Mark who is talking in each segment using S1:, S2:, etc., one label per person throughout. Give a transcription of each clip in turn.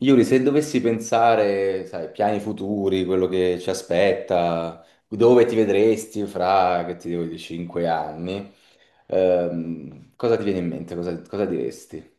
S1: Yuri, se dovessi pensare, sai, piani futuri, quello che ci aspetta, dove ti vedresti fra, che ti devo dire, cinque anni, cosa ti viene in mente? Cosa, cosa diresti?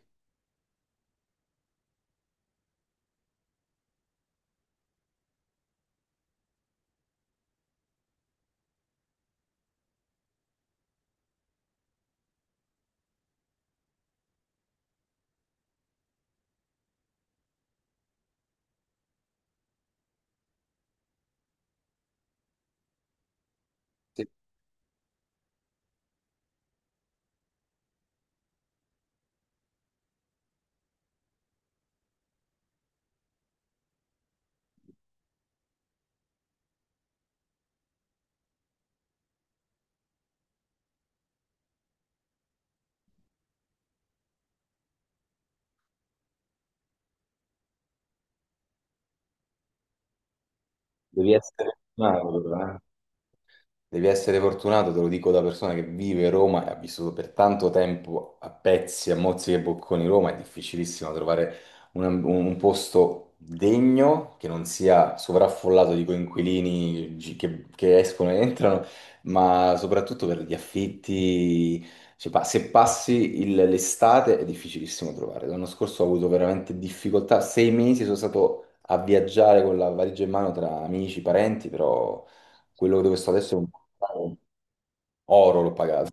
S1: Devi essere... No, però, eh. Devi essere fortunato, te lo dico da persona che vive Roma e ha vissuto per tanto tempo a pezzi, a mozzichi e bocconi Roma, è difficilissimo trovare un posto degno che non sia sovraffollato di coinquilini che escono e entrano, ma soprattutto per gli affitti. Cioè, se passi l'estate è difficilissimo trovare. L'anno scorso ho avuto veramente difficoltà, sei mesi sono stato a viaggiare con la valigia in mano tra amici, parenti, però... Quello dove sto adesso è un oro, l'ho pagato.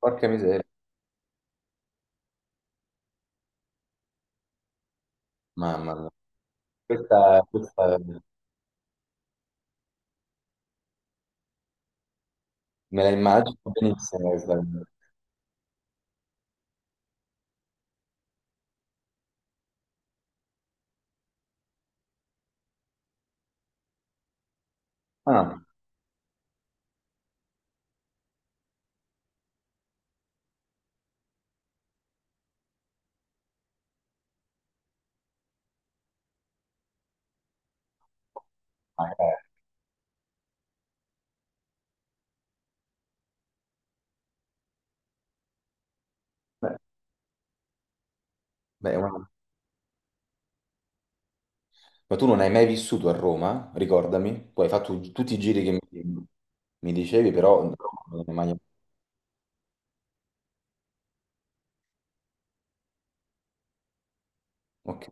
S1: Porca miseria, mamma mia. Questa me la immagino benissimo. Ah, ah, eh. Beh, beh, ma... ma tu non hai mai vissuto a Roma? Ricordami. Tu hai fatto tutti i giri che mi dicevi, però non hai mai... Ok,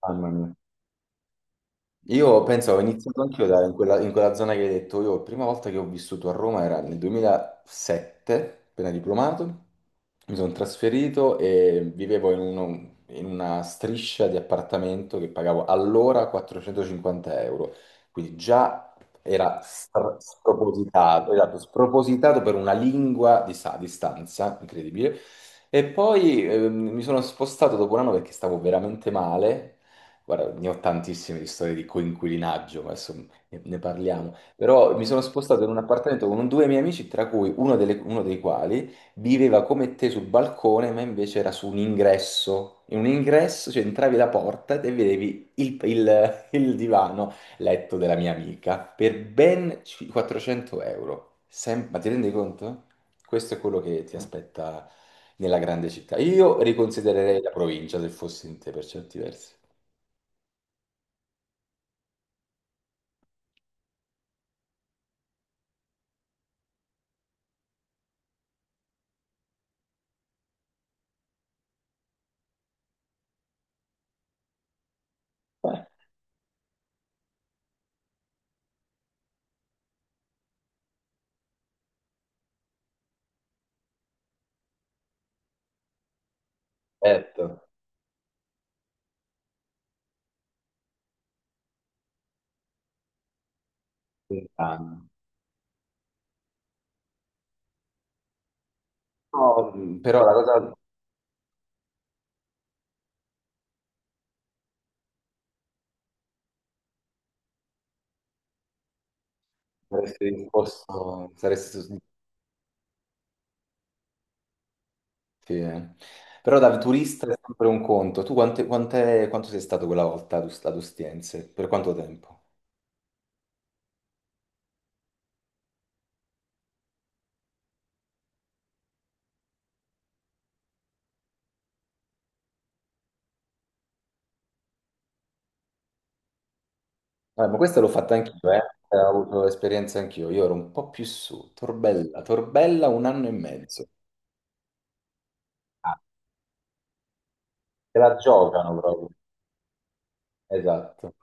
S1: mamma mia. Io penso, ho iniziato anch'io in in quella zona che hai detto. Io, la prima volta che ho vissuto a Roma era nel 2007, appena diplomato. Mi sono trasferito e vivevo in una striscia di appartamento che pagavo allora 450 euro. Quindi già era spropositato, esatto, spropositato per una lingua di stanza, incredibile. E poi mi sono spostato dopo un anno perché stavo veramente male. Guarda, ne ho tantissime di storie di coinquilinaggio, ma adesso ne parliamo. Però mi sono spostato in un appartamento con due miei amici, tra cui uno dei quali viveva come te sul balcone, ma invece era su un ingresso. In un ingresso, cioè entravi la porta e vedevi il divano letto della mia amica per ben 400 euro. Ma ti rendi conto? Questo è quello che ti aspetta nella grande città. Io riconsidererei la provincia se fossi in te per certi versi. Certo, lontano. No, però la cosa saresti disposto, sì, eh. Però da turista è sempre un conto. Tu quanto sei stato quella volta ad Ostiense? Per quanto tempo? Ma questa l'ho fatta anch'io, eh. Ho avuto esperienza anch'io. Io ero un po' più su, Torbella un anno e mezzo. Ah, te la giocano proprio. Esatto.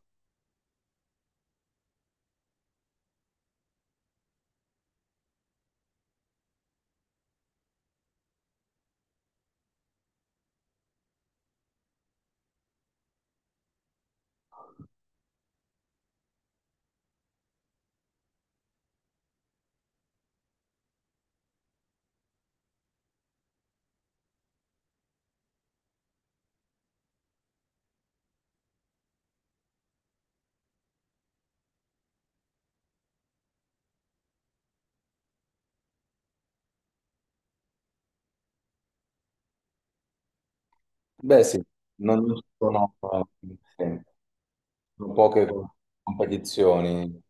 S1: Beh, sì, non ci sono, sì, sono competizioni.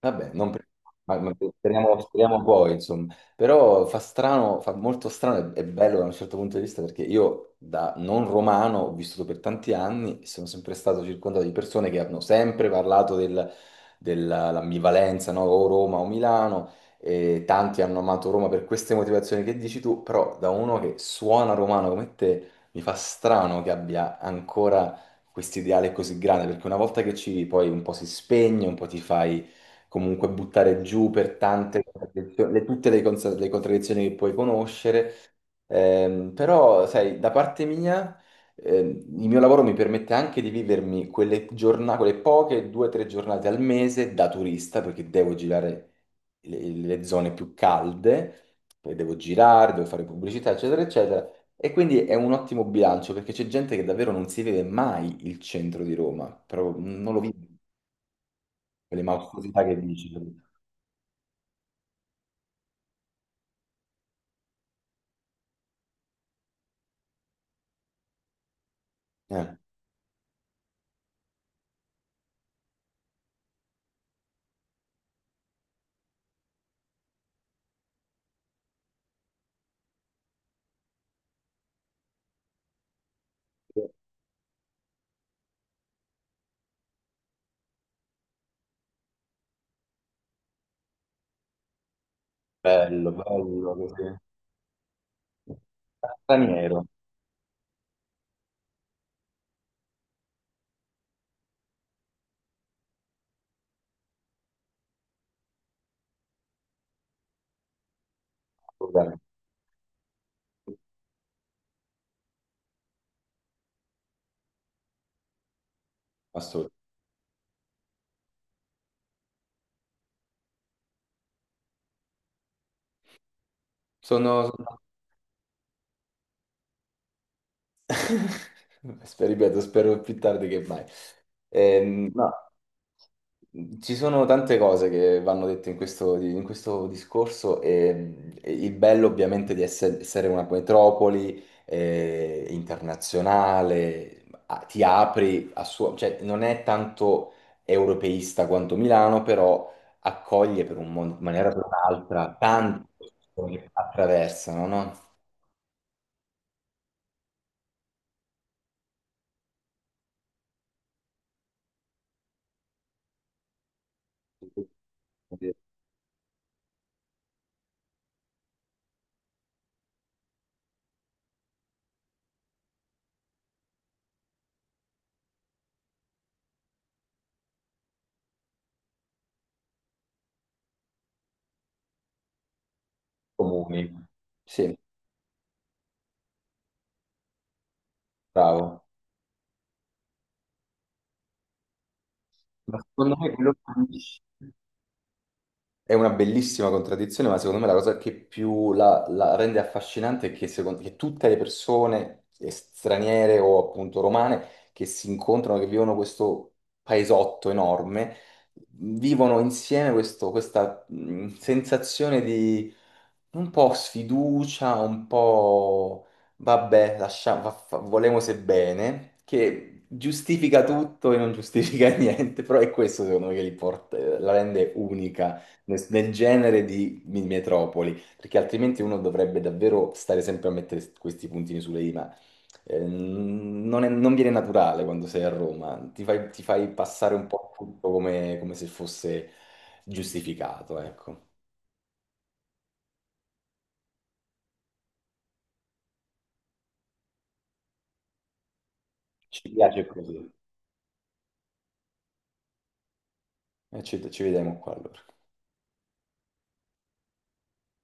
S1: Vabbè, non per- ma speriamo, speriamo poi, insomma. Però fa strano, fa molto strano e bello da un certo punto di vista perché io da non romano ho vissuto per tanti anni e sono sempre stato circondato di persone che hanno sempre parlato dell'ambivalenza, no? O Roma o Milano e tanti hanno amato Roma per queste motivazioni che dici tu, però da uno che suona romano come te mi fa strano che abbia ancora questo ideale così grande perché una volta che ci poi un po' si spegne, un po' ti fai comunque buttare giù per tante tutte le contraddizioni che puoi conoscere. Però, sai, da parte mia, ehm, il mio lavoro mi permette anche di vivermi quelle giornate, quelle poche due o tre giornate al mese da turista, perché devo girare le zone più calde, poi devo girare, devo fare pubblicità, eccetera, eccetera. E quindi è un ottimo bilancio perché c'è gente che davvero non si vede mai il centro di Roma, però non lo vive, quelle maestosità che dici. Eh. Bello, bello, così. Straniero, assolutamente. Assolutamente. Sono... sono- Ripeto, spero più tardi che mai. No. Ci sono tante cose che vanno dette in in questo discorso e il bello ovviamente di essere una metropoli internazionale, ti apri a suo, cioè non è tanto europeista quanto Milano, però accoglie per un in maniera o per un'altra tante persone che attraversano, no? Comuni. Sì, bravo. Ma secondo me quello che dici- è una bellissima contraddizione, ma secondo me la cosa che più la rende affascinante è che, secondo- che tutte le persone straniere o appunto romane che si incontrano, che vivono questo paesotto enorme, vivono insieme questa sensazione di un po' sfiducia, un po' vabbè, lasciamo, volemose bene, che giustifica tutto e non giustifica niente, però è questo secondo me che li la rende unica nel nel genere di metropoli, perché altrimenti uno dovrebbe davvero stare sempre a mettere questi puntini sulle i, ma non viene naturale quando sei a Roma, ti fai passare un po' tutto come, come se fosse giustificato, ecco. Ci piace così. E ci vediamo qua allora.